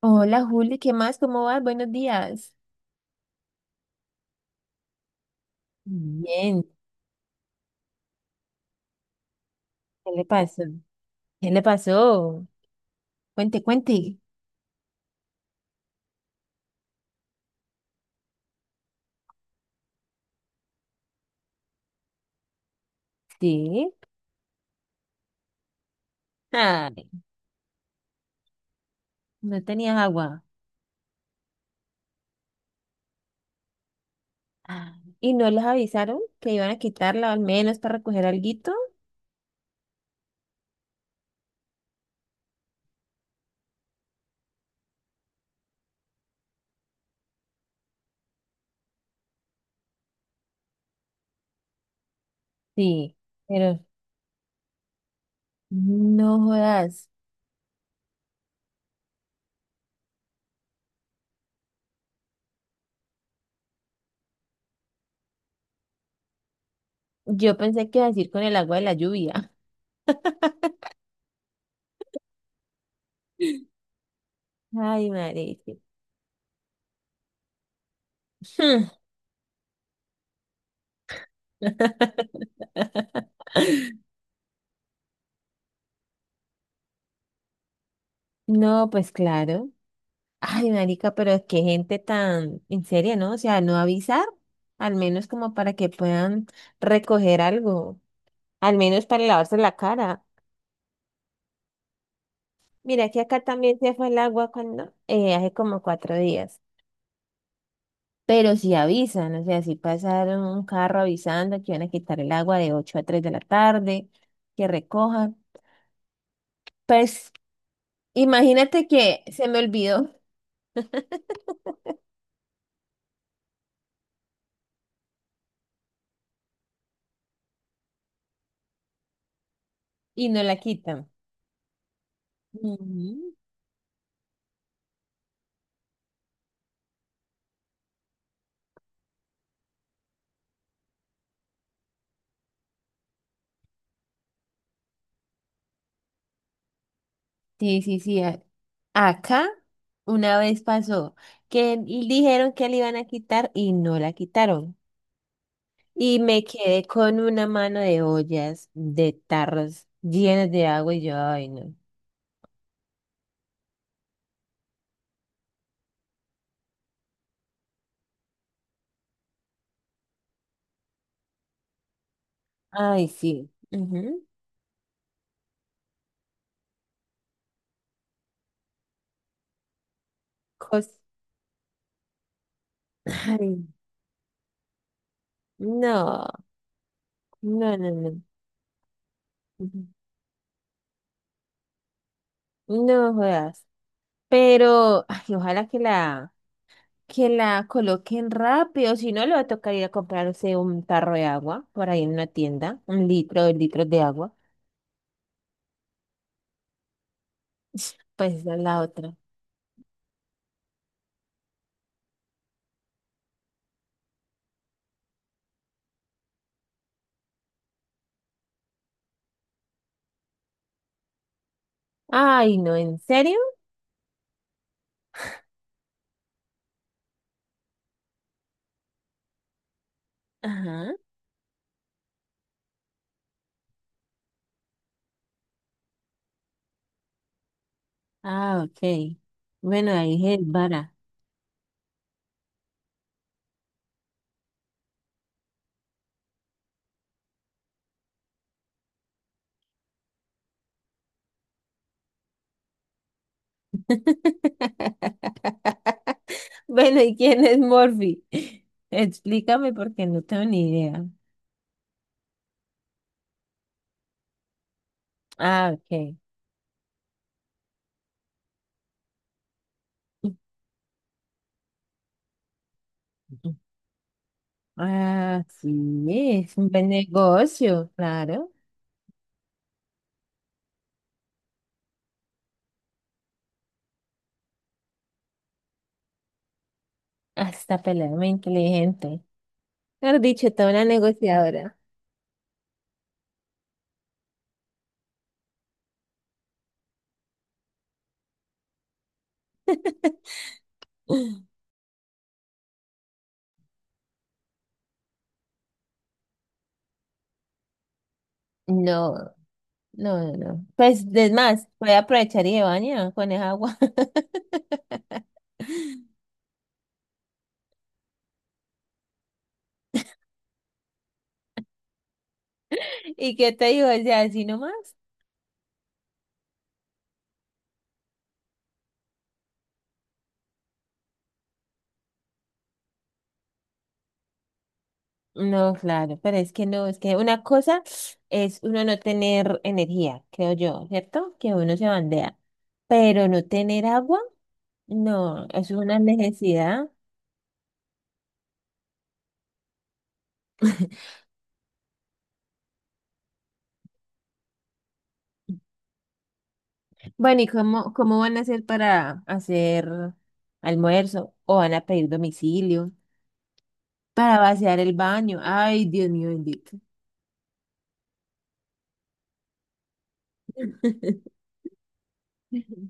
Hola Juli, ¿qué más? ¿Cómo vas? Buenos días. Bien, ¿qué le pasó? ¿Qué le pasó? Cuente, cuente. Sí, ay, no tenías agua. Ah, ¿y no les avisaron que iban a quitarla al menos para recoger alguito? Sí, pero, no jodas. Yo pensé que iba a decir con el agua de la lluvia. Ay, madre. No, pues claro. Ay, marica, pero es que gente tan en serio, ¿no? O sea, no avisar, al menos como para que puedan recoger algo, al menos para lavarse la cara. Mira que acá también se fue el agua cuando, hace como 4 días. Pero si avisan, o sea, si pasaron un carro avisando que iban a quitar el agua de 8 a 3 de la tarde, que recojan. Pues imagínate que se me olvidó y no la quitan. Ujú. Sí, sí, sí. Acá una vez pasó que dijeron que le iban a quitar y no la quitaron. Y me quedé con una mano de ollas, de tarros llenos de agua y yo, ay, no. Ay, sí. Ujú. cos- Ay, no, no, no, no. Ujú. No jodas. Pero, ay, ojalá que la coloquen rápido, si no le va a tocar ir a comprarse un tarro de agua por ahí en una tienda, un litro, 2 litros de agua. Pues esa es la otra. Ay, no, ¿en serio? Ajá. Ah, ok. Bueno, ahí es vara. Bueno, ¿y quién es Morphy? Explícame porque no tengo ni idea. Ah, ok. Ujú. Ah, sí, es un buen negocio, claro. Hasta pelea muy inteligente. Mejor dicho, toda una negociadora. No, no, no, no. Pues, es más, voy a aprovechar y de baña con esa agua. ¿Y qué te digo? O sea, así nomás. No, claro, pero es que no, es que una cosa es uno no tener energía, creo yo, ¿cierto? Que uno se bandea. Pero no tener agua, no, es una necesidad. Bueno, ¿y cómo van a hacer para hacer almuerzo? ¿O van a pedir domicilio? Para vaciar el baño. Ay, Dios mío bendito. Mm,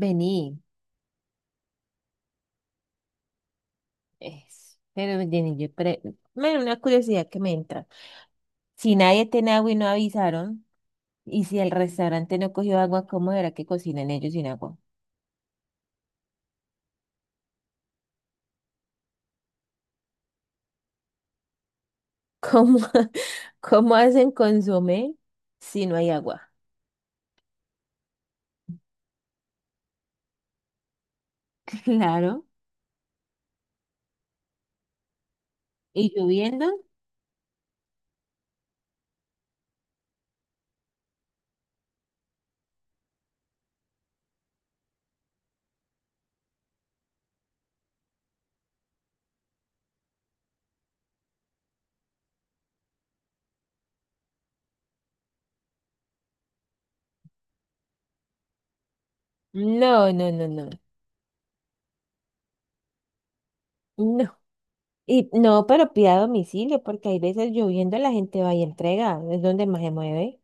Vení, es, pero vení, yo una curiosidad que me entra. Si nadie tiene agua y no avisaron, y si el restaurante no cogió agua, ¿cómo era que cocinan ellos sin agua? ¿Cómo, cómo hacen consomé si no hay agua? Claro. ¿Y lloviendo? No, no, no, no, no. Y no, pero pida a domicilio, porque hay veces lloviendo la gente va y entrega, es donde más se mueve.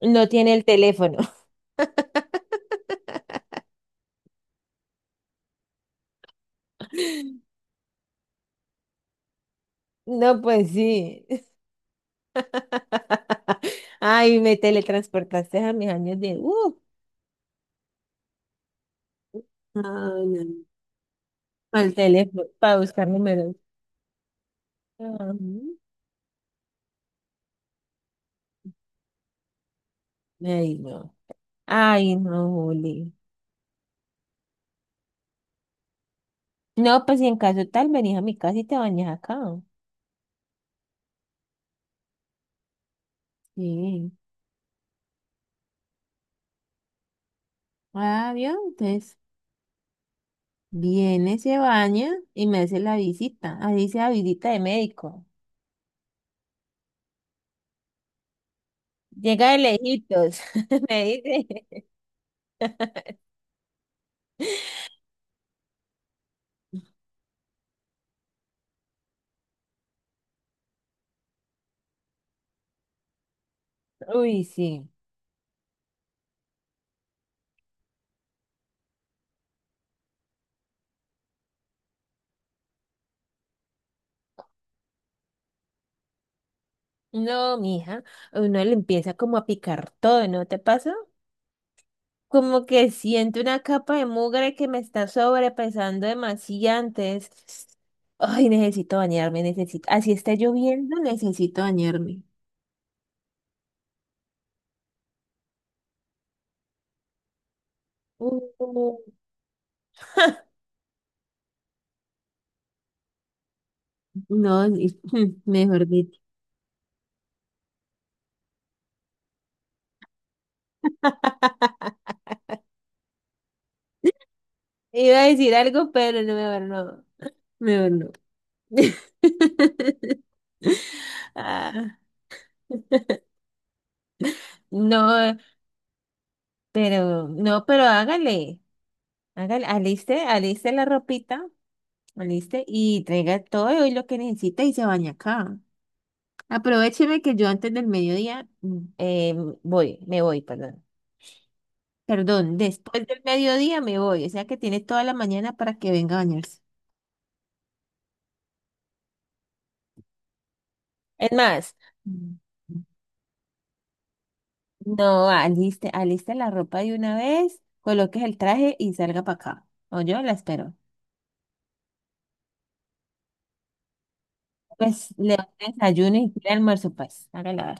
No tiene el teléfono. No, pues sí. Ay, me teletransportaste a mis años de... Ay, no. Al teléfono para buscar números. Ah, ay, no. Ay, no, Juli. No, pues si en caso tal, venís a mi casa y te bañas acá. Sí. Ah, bien, entonces viene, se baña y me hace la visita. Ahí dice la visita de médico. Llega de lejitos, me dice. Uy, sí. No, mija, a uno le empieza como a picar todo, ¿no te pasa? Como que siento una capa de mugre que me está sobrepesando demasiado antes. Ay, necesito bañarme, necesito. Así está lloviendo, necesito bañarme. Uh, no, mejor dicho. Iba a decir algo, pero no, mejor no. Mejor no. Ah, no, no, pero hágale. Hágale, aliste, aliste la ropita, aliste y traiga todo y lo que necesita y se baña acá. Aprovecheme que yo antes del mediodía me voy, perdón. Perdón, después del mediodía me voy, o sea que tiene toda la mañana para que venga a bañarse. Es más, Mm. no, aliste, aliste la ropa de una vez, coloques el traje y salga para acá. O yo la espero. Pues le doy desayuno y el almuerzo, pues. Hágala ver.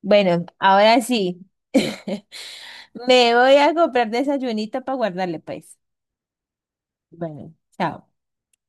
Bueno, ahora sí. Me voy a comprar desayunita para guardarle, pues. Bueno, chao.